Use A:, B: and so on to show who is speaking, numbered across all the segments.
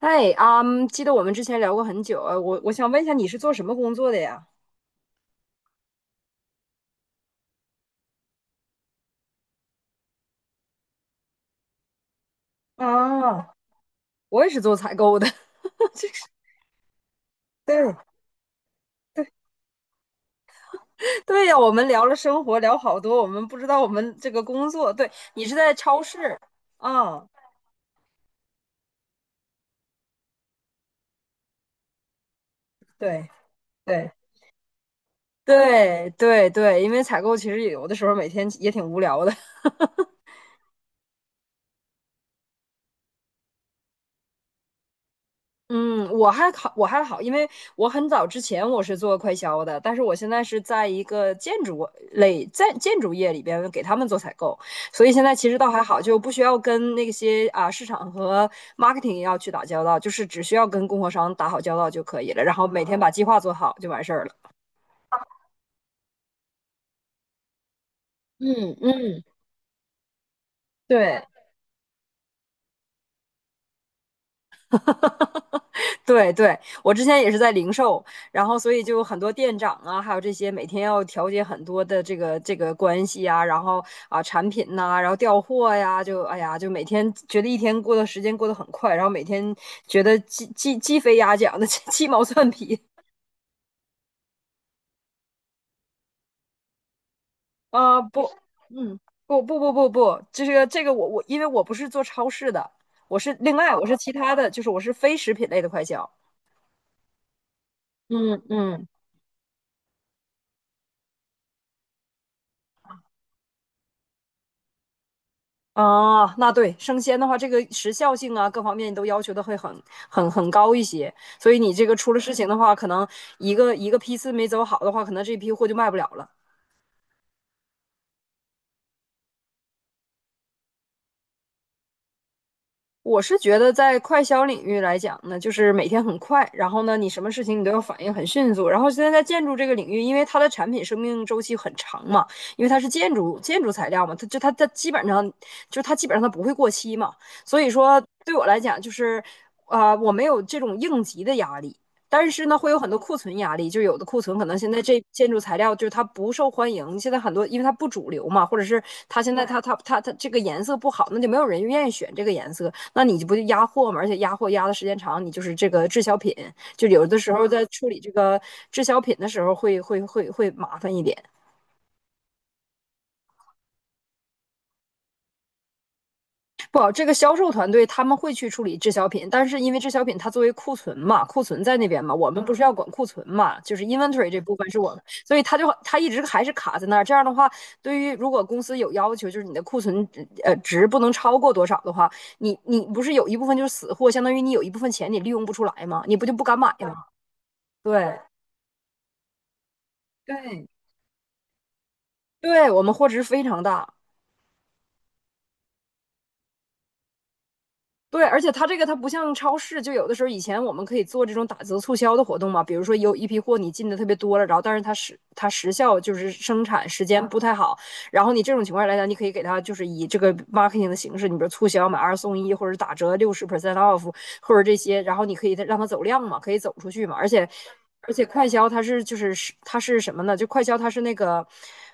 A: 嗨，啊，记得我们之前聊过很久啊，我想问一下，你是做什么工作的呀？啊，我也是做采购的。对，对呀，我们聊了生活，聊好多，我们不知道我们这个工作。对，你是在超市啊？对，对，对对对，因为采购其实有的时候每天也挺无聊的。嗯，我还好，因为我很早之前我是做快销的，但是我现在是在一个建筑类，在建筑业里边给他们做采购，所以现在其实倒还好，就不需要跟那些啊市场和 marketing 要去打交道，就是只需要跟供货商打好交道就可以了，然后每天把计划做好就完事儿了。嗯嗯，对，对对，我之前也是在零售，然后所以就很多店长啊，还有这些每天要调节很多的这个关系啊，然后啊产品呐、然后调货呀，就哎呀，就每天觉得一天过的时间过得很快，然后每天觉得鸡飞鸭讲的 鸡毛蒜皮。不，嗯，不不不不不，这个我因为我不是做超市的，我是另外我是其他的，就是我是非食品类的快销。嗯嗯。哦，那对，生鲜的话，这个时效性啊，各方面都要求的会很高一些，所以你这个出了事情的话，可能一个一个批次没走好的话，可能这批货就卖不了了。我是觉得在快消领域来讲呢，就是每天很快，然后呢，你什么事情你都要反应很迅速。然后现在在建筑这个领域，因为它的产品生命周期很长嘛，因为它是建筑材料嘛，它基本上它不会过期嘛，所以说对我来讲就是，我没有这种应急的压力。但是呢，会有很多库存压力，就有的库存可能现在这建筑材料就是它不受欢迎，现在很多因为它不主流嘛，或者是它现在它这个颜色不好，那就没有人愿意选这个颜色，那你不就压货嘛？而且压货压的时间长，你就是这个滞销品，就有的时候在处理这个滞销品的时候会麻烦一点。不好，这个销售团队他们会去处理滞销品，但是因为滞销品它作为库存嘛，库存在那边嘛，我们不是要管库存嘛，就是 inventory 这部分是我们，所以他一直还是卡在那儿。这样的话，对于如果公司有要求，就是你的库存值不能超过多少的话，你不是有一部分就是死货，相当于你有一部分钱你利用不出来嘛，你不就不敢买嘛？对。对对，我们货值非常大。对，而且它这个它不像超市，就有的时候以前我们可以做这种打折促销的活动嘛，比如说有一批货你进的特别多了，然后但是它时它时效就是生产时间不太好，然后你这种情况来讲，你可以给他就是以这个 marketing 的形式，你比如促销买二送一，或者打折60% off，或者这些，然后你可以让他走量嘛，可以走出去嘛。而且快销它是什么呢？就快销它是那个。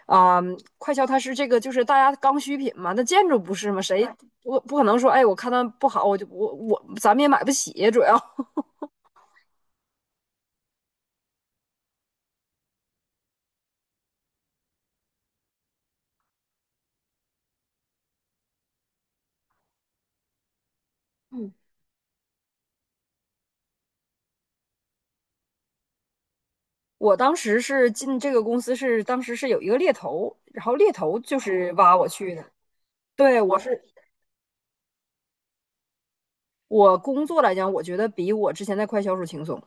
A: 快销它是这个，就是大家刚需品嘛。那建筑不是吗？我不可能说，哎，我看它不好，我就我我咱们也买不起，主要。我当时是进这个公司是，当时是有一个猎头，然后猎头就是挖我去的。对，我工作来讲，我觉得比我之前在快销时轻松。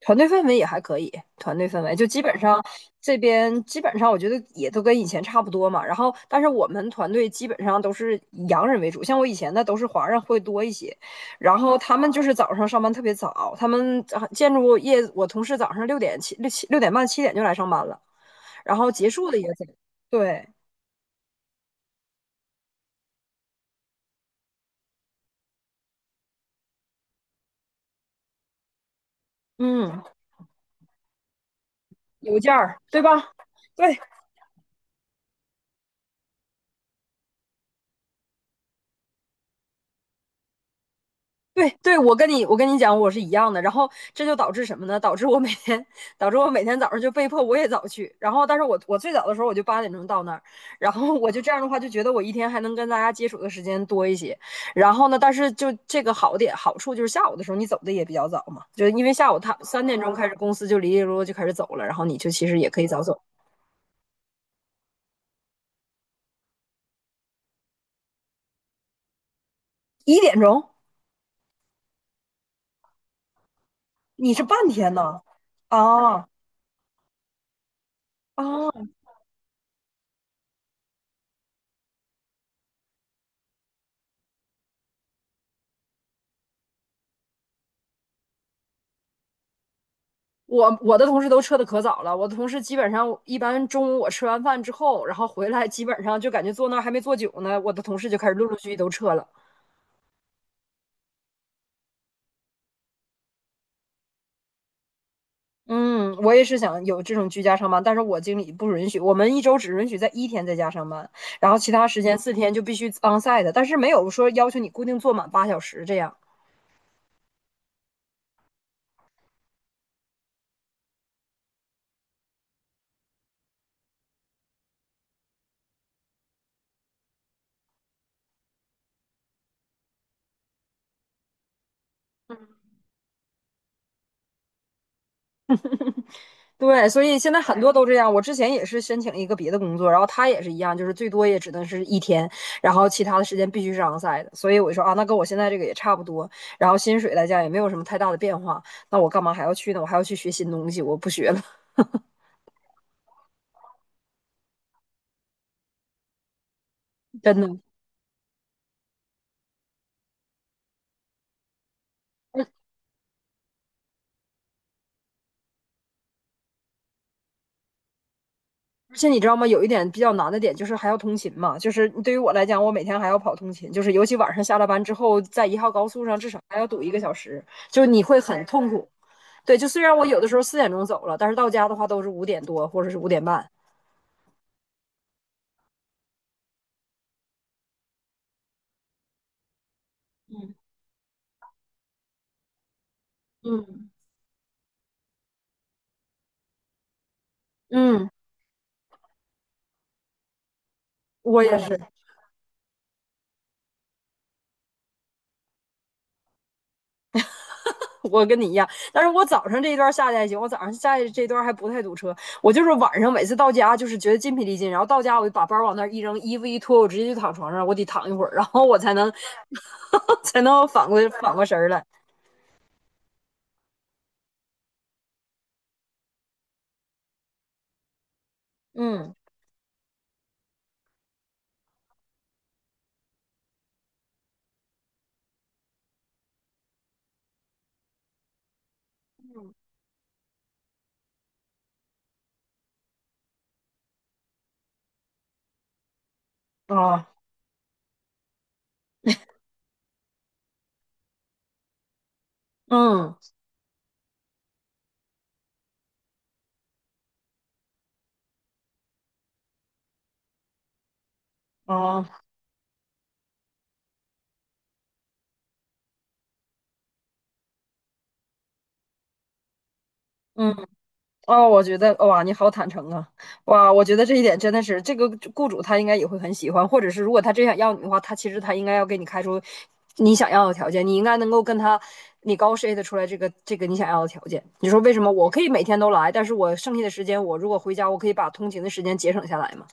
A: 团队氛围也还可以。团队氛围就基本上这边基本上我觉得也都跟以前差不多嘛。然后，但是我们团队基本上都是以洋人为主，像我以前的都是华人会多一些。然后他们就是早上上班特别早，他们啊建筑业我同事早上6点半7点就来上班了，然后结束的也早。对，嗯，邮件儿对吧？对，对对，我跟你讲，我是一样的。然后这就导致什么呢？导致我每天早上就被迫我也早去。然后，但是我最早的时候我就8点钟到那儿，然后我就这样的话就觉得我一天还能跟大家接触的时间多一些。然后呢，但是就这个好处就是下午的时候你走的也比较早嘛，就因为下午他3点钟开始公司就里里落落就开始走了，然后你就其实也可以早走。1点钟，你是半天呢？哦。哦。我的同事都撤的可早了，我的同事基本上一般中午我吃完饭之后，然后回来基本上就感觉坐那儿还没坐久呢，我的同事就开始陆陆续续都撤了。嗯，我也是想有这种居家上班，但是我经理不允许，我们一周只允许在一天在家上班，然后其他时间4天就必须 onsite，但是没有说要求你固定坐满8小时这样。对，所以现在很多都这样。我之前也是申请一个别的工作，然后他也是一样，就是最多也只能是一天，然后其他的时间必须是 onsite 的。所以我就说啊，那跟我现在这个也差不多，然后薪水来讲也没有什么太大的变化，那我干嘛还要去呢？我还要去学新东西，我不学了。真的。而且你知道吗？有一点比较难的点就是还要通勤嘛，就是对于我来讲，我每天还要跑通勤，就是尤其晚上下了班之后，在1号高速上至少还要堵1个小时，就是你会很痛苦。对，就虽然我有的时候4点钟走了，但是到家的话都是5点多或者是5点半。嗯嗯，我也是。我跟你一样，但是我早上这一段下去还行，我早上下去这段还不太堵车。我就是晚上每次到家就是觉得筋疲力尽，然后到家我就把包往那儿一扔，衣服一脱，我直接就躺床上，我得躺一会儿，然后我才能 才能反过神儿来。嗯啊嗯啊嗯哦，我觉得哇，你好坦诚啊！哇，我觉得这一点真的是这个雇主他应该也会很喜欢，或者是如果他真想要你的话，他其实他应该要给你开出你想要的条件，你应该能够跟他你高 SHT 出来这个你想要的条件。你说为什么我可以每天都来，但是我剩下的时间，我如果回家，我可以把通勤的时间节省下来嘛？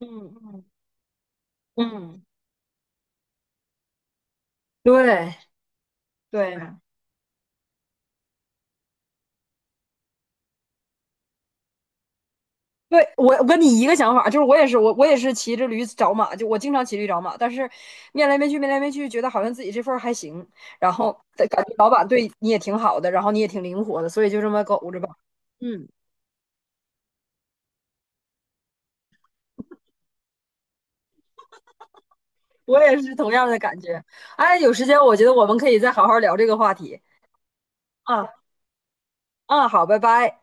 A: 嗯嗯嗯，对对，对，我跟你一个想法，就是我也是骑着驴找马，就我经常骑驴找马，但是面来面去面来面去，觉得好像自己这份儿还行，然后感觉老板对你也挺好的，然后你也挺灵活的，所以就这么苟着吧。嗯，我也是同样的感觉。哎，有时间我觉得我们可以再好好聊这个话题。啊啊，好，拜拜。